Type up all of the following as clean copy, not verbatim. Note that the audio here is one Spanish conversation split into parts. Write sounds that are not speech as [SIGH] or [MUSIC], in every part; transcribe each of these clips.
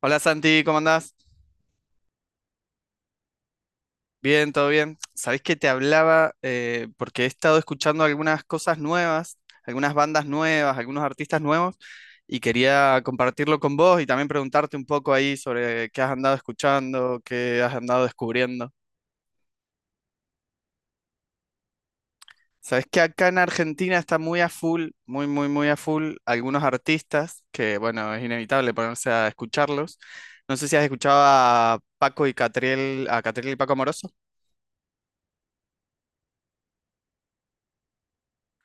Hola Santi, ¿cómo andás? Bien, todo bien. Sabés que te hablaba porque he estado escuchando algunas cosas nuevas, algunas bandas nuevas, algunos artistas nuevos y quería compartirlo con vos y también preguntarte un poco ahí sobre qué has andado escuchando, qué has andado descubriendo. Sabés que acá en Argentina está muy a full, muy, muy, muy a full algunos artistas que, bueno, es inevitable ponerse a escucharlos. No sé si has escuchado a Paco y Catriel, a Catriel y Paco Amoroso.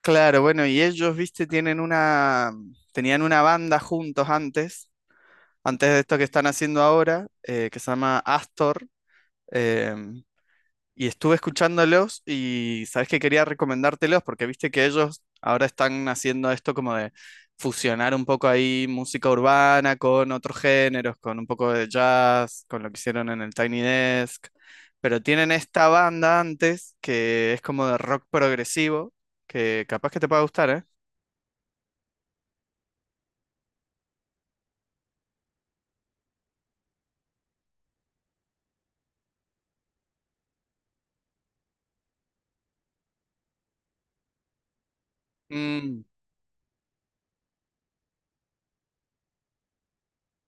Claro, bueno, y ellos, viste, tenían una banda juntos antes, antes de esto que están haciendo ahora, que se llama Astor, em, y estuve escuchándolos y sabes que quería recomendártelos porque viste que ellos ahora están haciendo esto como de fusionar un poco ahí música urbana con otros géneros, con un poco de jazz, con lo que hicieron en el Tiny Desk, pero tienen esta banda antes que es como de rock progresivo, que capaz que te pueda gustar, ¿eh? Mm,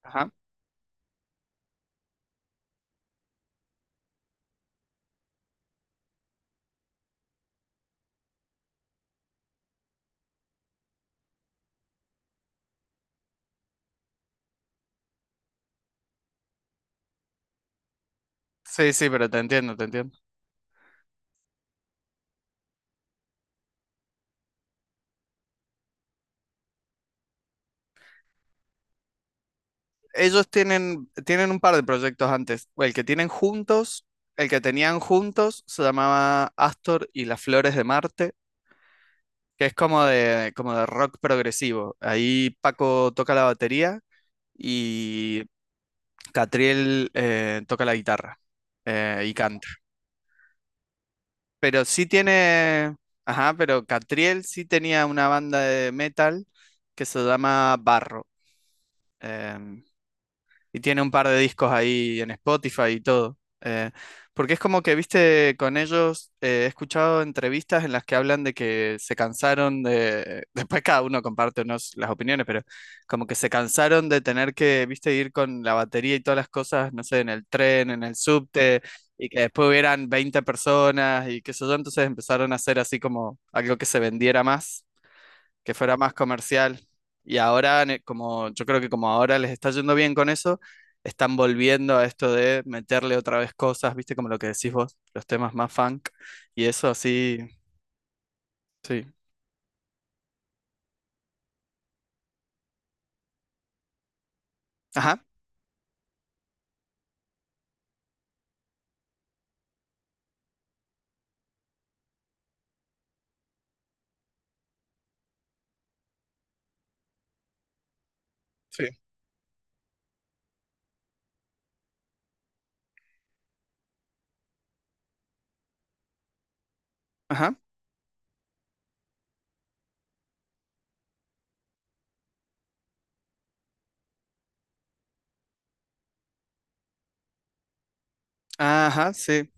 ajá. Sí, sí, pero te entiendo, te entiendo. Ellos tienen un par de proyectos antes. El que tenían juntos se llamaba Astor y las Flores de Marte, que es como de rock progresivo. Ahí Paco toca la batería y Catriel toca la guitarra y canta. Pero sí tiene, ajá, pero Catriel sí tenía una banda de metal que se llama Barro. em, y tiene un par de discos ahí en Spotify y todo. Eh, porque es como que, viste, con ellos he escuchado entrevistas en las que hablan de que se cansaron de, [LAUGHS] después cada uno comparte las opiniones, pero como que se cansaron de tener que, viste, ir con la batería y todas las cosas, no sé, en el tren, en el subte, y que después hubieran 20 personas y qué sé yo, entonces empezaron a hacer así como algo que se vendiera más que fuera más comercial. Y ahora, como yo creo que como ahora les está yendo bien con eso, están volviendo a esto de meterle otra vez cosas, viste, como lo que decís vos, los temas más funk y eso así, sí. Ajá, sí. Ajá, ajá, sí,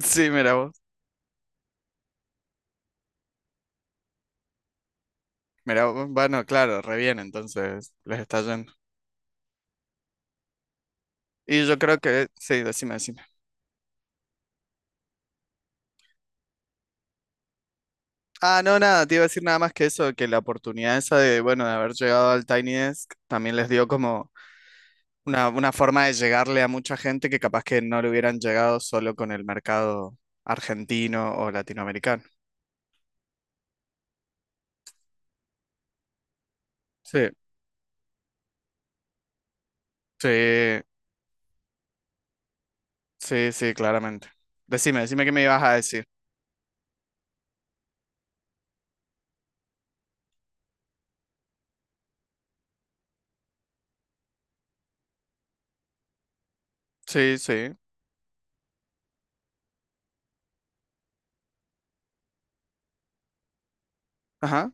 sí, mira vos, bueno, claro, re bien, entonces les está yendo. Y yo creo que, sí, decime, decime. Ah, no, nada, te iba a decir nada más que eso, que la oportunidad esa de, bueno, de haber llegado al Tiny Desk también les dio como una forma de llegarle a mucha gente que capaz que no le hubieran llegado solo con el mercado argentino o latinoamericano. Sí, sí, sí, sí, claramente. Decime, decime qué me ibas a decir. Sí, sí. Ajá.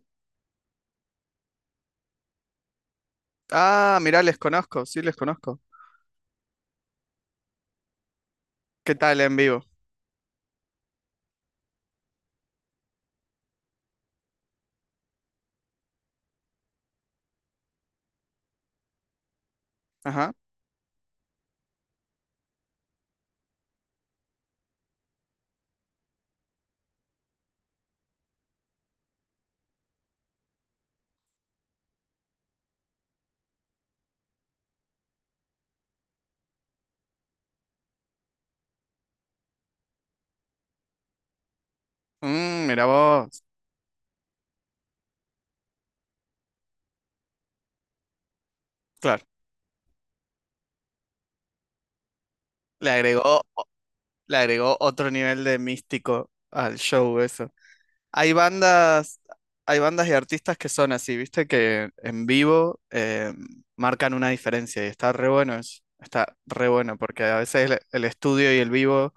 Ah, mirá, les conozco, sí, les conozco. ¿Qué tal en vivo? Ajá. Mm, mira vos. Claro. Le agregó, le agregó otro nivel de místico al show eso. Hay bandas, hay bandas y artistas que son así, viste, que en vivo marcan una diferencia y está re bueno eso. Está re bueno porque a veces el estudio y el vivo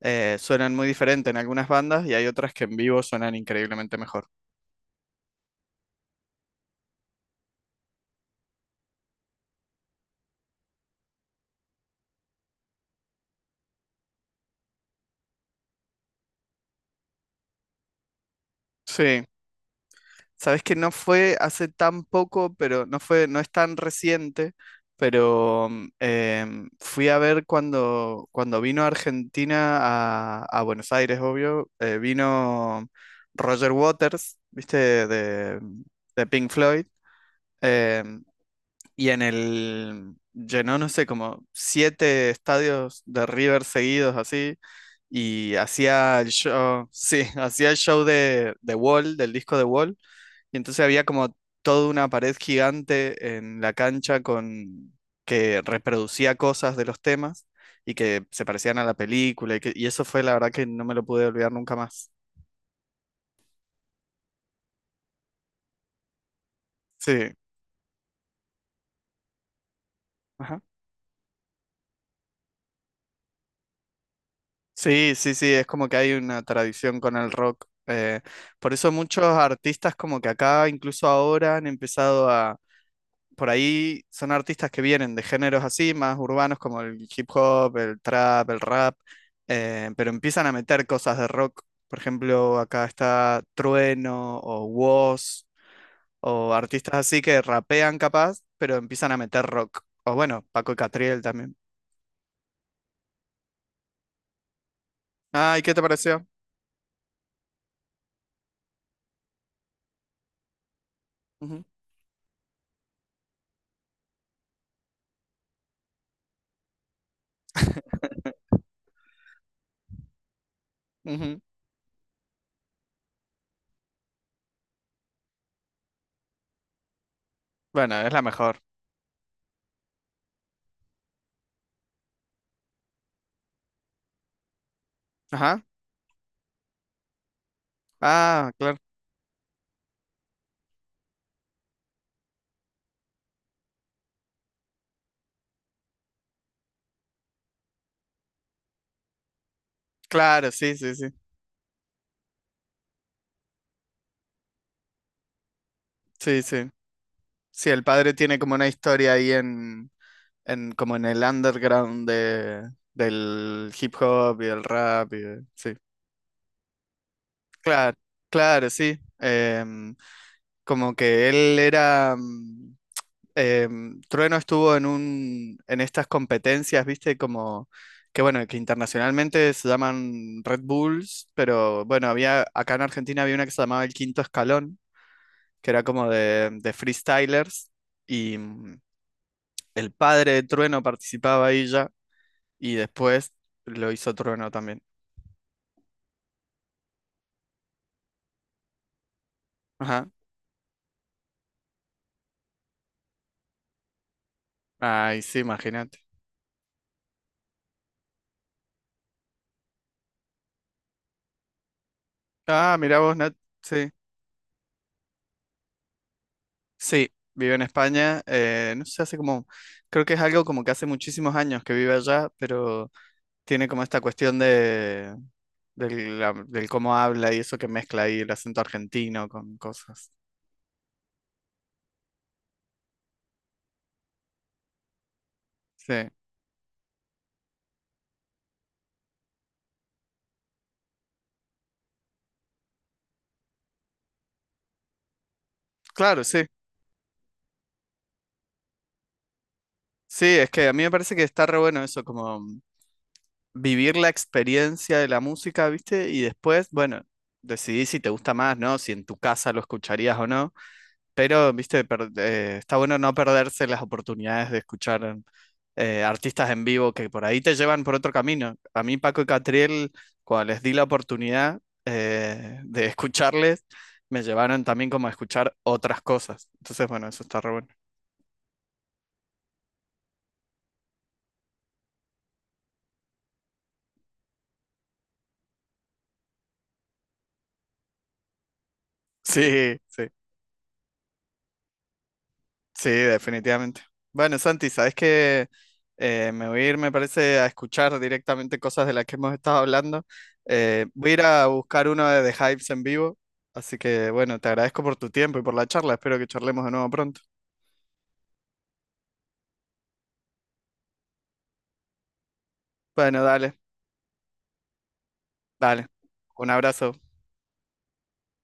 suenan muy diferente en algunas bandas y hay otras que en vivo suenan increíblemente mejor. Sí. Sabes que no fue hace tan poco, pero no fue, no es tan reciente, pero fui a ver cuando vino a Argentina, a Buenos Aires, obvio, vino Roger Waters, ¿viste? De, de Pink Floyd, em, y llenó, no sé, como siete estadios de River seguidos así. Y hacía el show, sí, [LAUGHS] hacía el show de Wall, del disco de Wall y entonces había como toda una pared gigante en la cancha con que reproducía cosas de los temas y que se parecían a la película y eso fue la verdad que no me lo pude olvidar nunca más. Sí, ajá. Sí, sí, sí, es como que hay una tradición con el rock. Por eso muchos artistas como que acá, incluso ahora, han empezado a por ahí son artistas que vienen de géneros así, más urbanos como el hip hop, el trap, el rap, pero empiezan a meter cosas de rock. Por ejemplo, acá está Trueno o Woz o artistas así que rapean capaz, pero empiezan a meter rock. O bueno, Paco y Catriel también. Ah, y ¿qué te pareció? Ujú, ujú. Bueno, es la mejor. Ajá. Ah, claro. Claro, sí, sí, sí. Sí, sí. Sí, el padre tiene como una historia ahí como en el underground del hip hop y el rap. Sí, claro, claro, sí. Como que él era... Trueno estuvo en estas competencias, viste, como que bueno, que internacionalmente se llaman Red Bulls, pero bueno, había, acá en Argentina había una que se llamaba El Quinto Escalón, que era como de freestylers, y el padre de Trueno participaba ahí ya. Y después lo hizo Trueno también. Ajá. Ay, sí, imagínate. Ah, mira vos, Nat. Sí. Sí, vive en España. No sé, hace como. Creo que es algo como que hace muchísimos años que vive allá, pero tiene como esta cuestión de. Del cómo habla y eso que mezcla ahí el acento argentino con cosas. Sí. Claro, sí. Sí, es que a mí me parece que está re bueno eso, como. Vivir la experiencia de la música, ¿viste? Y después, bueno, decidí si te gusta más, ¿no? Si en tu casa lo escucharías o no. Pero, ¿viste? Está bueno no perderse las oportunidades de escuchar artistas en vivo que por ahí te llevan por otro camino. A mí, Paco y Catriel, cuando les di la oportunidad de escucharles, me llevaron también como a escuchar otras cosas. Entonces, bueno, eso está re bueno. [LAUGHS] Sí, sí. Sí, definitivamente. Bueno, Santi, sabes que me voy a ir, me parece, a escuchar directamente cosas de las que hemos estado hablando. Voy a ir a buscar uno de The Hives en vivo. Así que, bueno, te agradezco por tu tiempo y por la charla. Espero que charlemos de nuevo pronto. Bueno, dale, dale. Un abrazo.